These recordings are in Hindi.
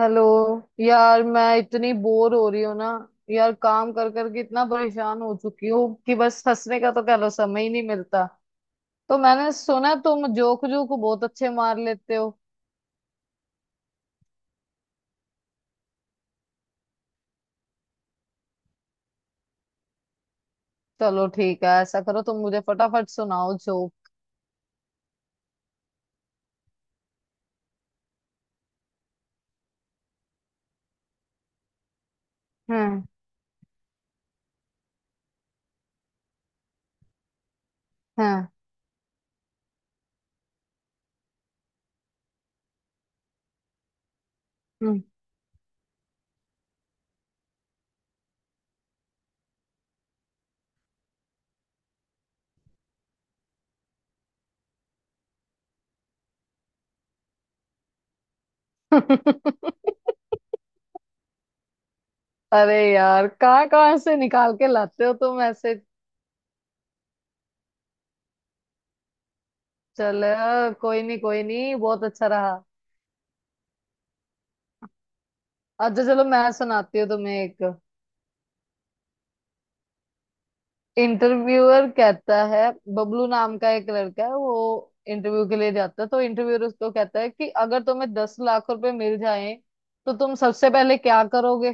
हेलो। यार मैं इतनी बोर हो रही हूँ ना। यार काम कर कर के इतना परेशान हो चुकी हूँ कि बस हंसने का तो कह लो समय ही नहीं मिलता। तो मैंने सुना तुम जोक जोक बहुत अच्छे मार लेते हो। चलो ठीक है, ऐसा करो तुम मुझे फटाफट सुनाओ जोक। हम्म। हम्म। हम्म। अरे यार, कहाँ कहाँ से निकाल के लाते हो तुम ऐसे। चल, कोई नहीं कोई नहीं, बहुत अच्छा रहा। अच्छा चलो मैं सुनाती हूँ तुम्हें एक। इंटरव्यूअर कहता है, बबलू नाम का एक लड़का है वो इंटरव्यू के लिए जाता है तो इंटरव्यूअर उसको कहता है कि अगर तुम्हें 10 लाख रुपए मिल जाएं तो तुम सबसे पहले क्या करोगे।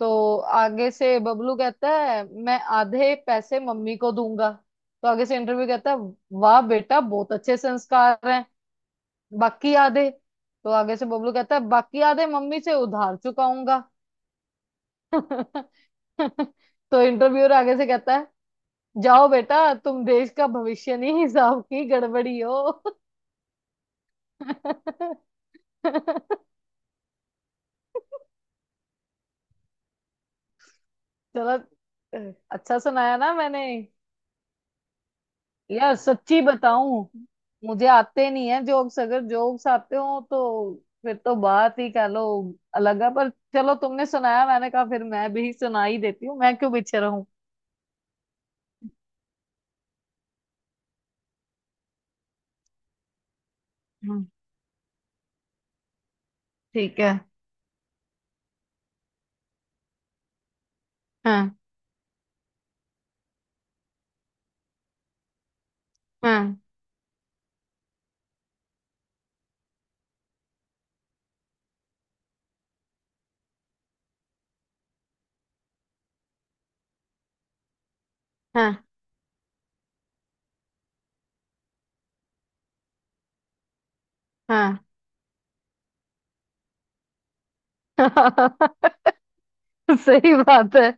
तो आगे से बबलू कहता है मैं आधे पैसे मम्मी को दूंगा। तो आगे से इंटरव्यू कहता है, वाह बेटा बहुत अच्छे संस्कार हैं, बाकी आधे? तो आगे से बबलू कहता है बाकी आधे मम्मी से उधार चुकाऊंगा। तो इंटरव्यूअर आगे से कहता है, जाओ बेटा, तुम देश का भविष्य नहीं, हिसाब की गड़बड़ी हो। चलो, अच्छा सुनाया ना मैंने। यार सच्ची बताऊं, मुझे आते नहीं है जोक्स। अगर जोक्स आते हो तो फिर तो बात ही कह लो अलग है। पर चलो, तुमने सुनाया, मैंने कहा फिर मैं भी सुना ही देती हूँ, मैं क्यों पीछे रहूं। हम्म, ठीक है। हाँ। हाँ। हाँ। हाँ। सही बात है।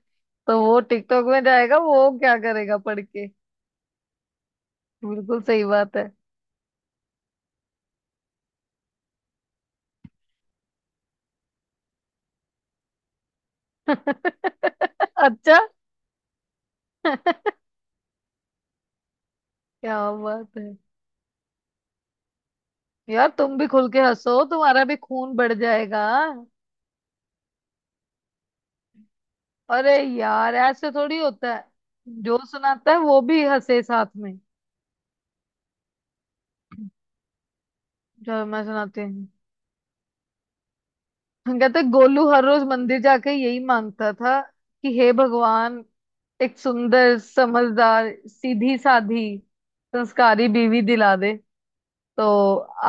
तो वो टिकटॉक में जाएगा वो क्या करेगा पढ़ के। बिल्कुल सही बात है। अच्छा। क्या बात है। यार तुम भी खुल के हंसो, तुम्हारा भी खून बढ़ जाएगा। अरे यार ऐसे थोड़ी होता है, जो सुनाता है वो भी हंसे साथ में। चलो मैं सुनाती हूँ। हम कहते हैं, गोलू हर रोज मंदिर जाके यही मांगता था कि हे भगवान, एक सुंदर समझदार सीधी साधी संस्कारी बीवी दिला दे। तो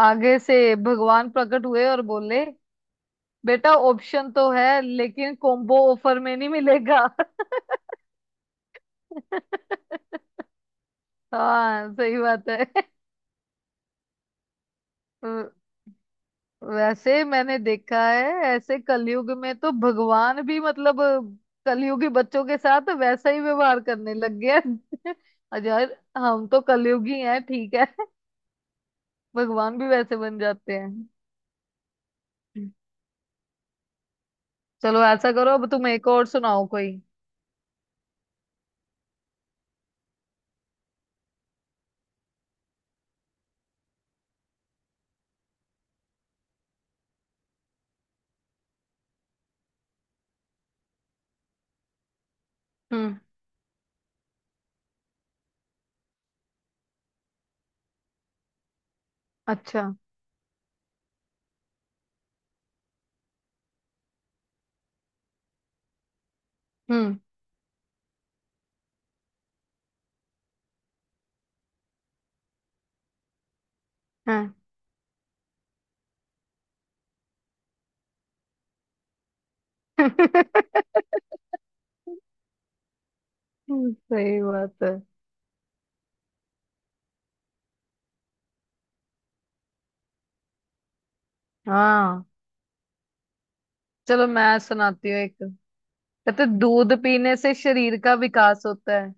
आगे से भगवान प्रकट हुए और बोले, बेटा ऑप्शन तो है लेकिन कॉम्बो ऑफर में नहीं मिलेगा। हाँ सही बात है। वैसे मैंने देखा है ऐसे कलयुग में तो भगवान भी मतलब कलयुगी बच्चों के साथ वैसा ही व्यवहार करने लग गया है। और यार हम तो कलयुगी हैं, ठीक है। भगवान भी वैसे बन जाते हैं। चलो ऐसा करो, अब तुम एक और सुनाओ कोई। हम्म। अच्छा। हम्म। हाँ। सही बात है। हाँ। चलो मैं सुनाती हूँ एक। कहते दूध पीने से शरीर का विकास होता है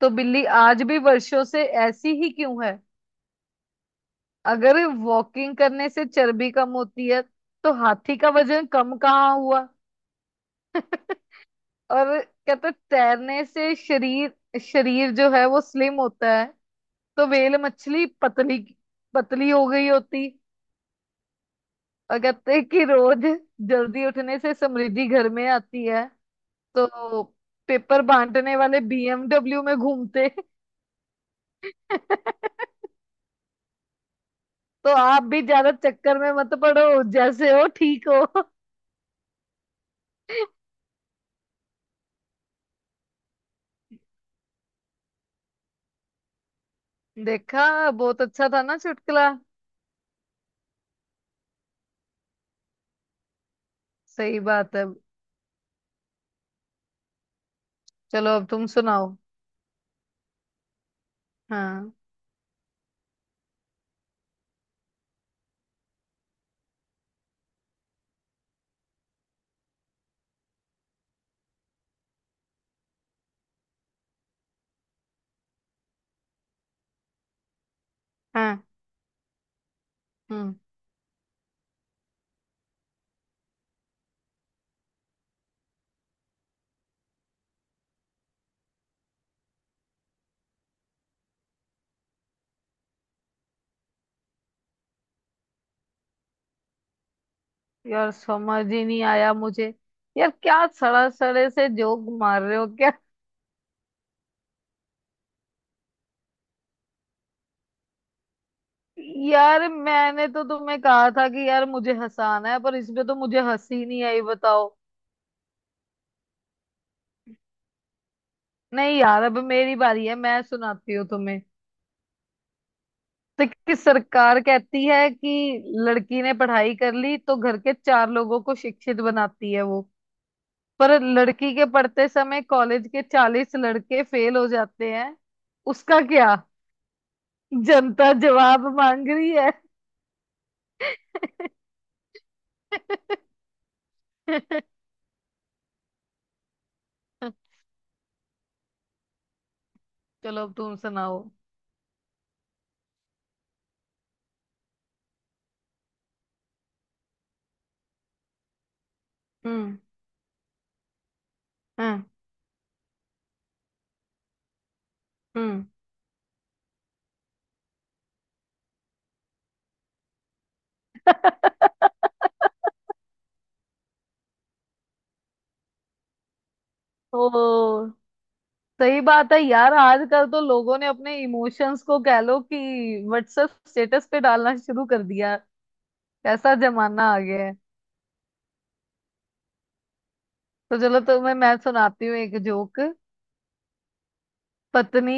तो बिल्ली आज भी वर्षों से ऐसी ही क्यों है? अगर वॉकिंग करने से चर्बी कम होती है तो हाथी का वजन कम कहाँ हुआ? और कहते हैं, तैरने से शरीर शरीर जो है वो स्लिम होता है तो व्हेल मछली पतली पतली हो गई होती। और कहते हैं कि रोज जल्दी उठने से समृद्धि घर में आती है तो पेपर बांटने वाले बीएमडब्ल्यू में घूमते। तो आप भी ज्यादा चक्कर में मत पड़ो, जैसे हो ठीक हो। देखा, बहुत अच्छा था ना चुटकुला। सही बात है। चलो अब तुम सुनाओ। हाँ। हाँ। हम्म। यार समझ ही नहीं आया मुझे। यार क्या सड़ा सड़े से जोक मार रहे हो क्या। यार मैंने तो तुम्हें कहा था कि यार मुझे हंसाना है, पर इसमें तो मुझे हंसी नहीं आई, बताओ। नहीं यार, अब मेरी बारी है, मैं सुनाती हूँ तुम्हें। तो कि सरकार कहती है कि लड़की ने पढ़ाई कर ली तो घर के चार लोगों को शिक्षित बनाती है वो। पर लड़की के पढ़ते समय कॉलेज के 40 लड़के फेल हो जाते हैं, उसका क्या? जनता जवाब मांग रही है। चलो अब तुम सुनाओ। हम्म। हम्म। हम्म। ओ, सही बात है यार। आजकल तो लोगों ने अपने इमोशंस को कह लो कि व्हाट्सएप स्टेटस पे डालना शुरू कर दिया। कैसा जमाना आ गया है। तो चलो तुम्हें मैं सुनाती हूँ एक जोक। पत्नी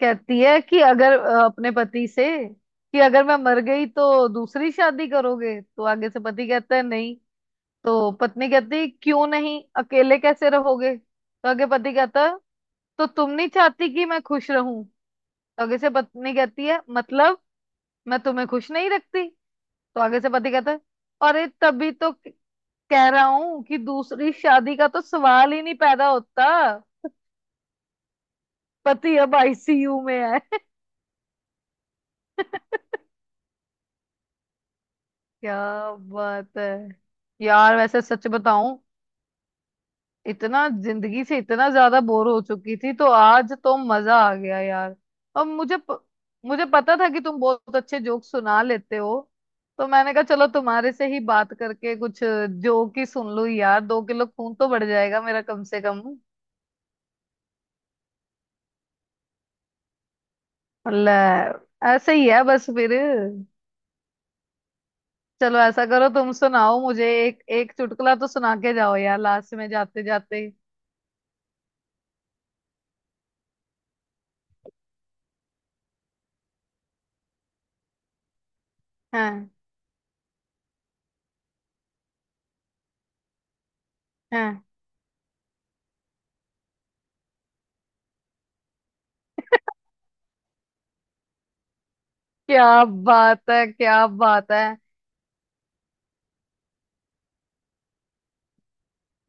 कहती है कि अगर अपने पति से कि अगर मैं मर गई तो दूसरी शादी करोगे, तो आगे से पति कहता है नहीं। तो पत्नी कहती है क्यों नहीं, अकेले कैसे रहोगे, तो आगे पति कहता है तो तुम नहीं चाहती कि मैं खुश रहूं। तो आगे से पत्नी कहती है मतलब मैं तुम्हें खुश नहीं रखती। तो आगे से पति कहता है, अरे तभी तो कह रहा हूं कि दूसरी शादी का तो सवाल ही नहीं पैदा होता। पति अब आईसीयू में है। क्या बात है। यार वैसे सच बताऊं, इतना जिंदगी से इतना ज्यादा बोर हो चुकी थी तो आज तो मजा आ गया यार। और मुझे मुझे पता था कि तुम बहुत अच्छे जोक सुना लेते हो। तो मैंने कहा चलो तुम्हारे से ही बात करके कुछ जोक ही सुन लूं यार, 2 किलो खून तो बढ़ जाएगा मेरा कम से कम। ले, ऐसे ही है बस फिर। चलो ऐसा करो तुम सुनाओ मुझे एक एक चुटकुला तो सुना के जाओ यार, लास्ट में जाते जाते। हाँ। हाँ। क्या बात है क्या बात है।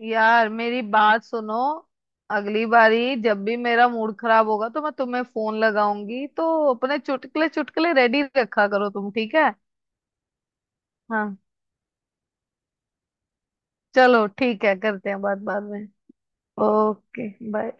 यार मेरी बात सुनो, अगली बारी जब भी मेरा मूड खराब होगा तो मैं तुम्हें फोन लगाऊंगी, तो अपने चुटकुले चुटकुले रेडी रखा करो तुम ठीक है। हाँ। चलो ठीक है, करते हैं बात बाद में। Okay bye.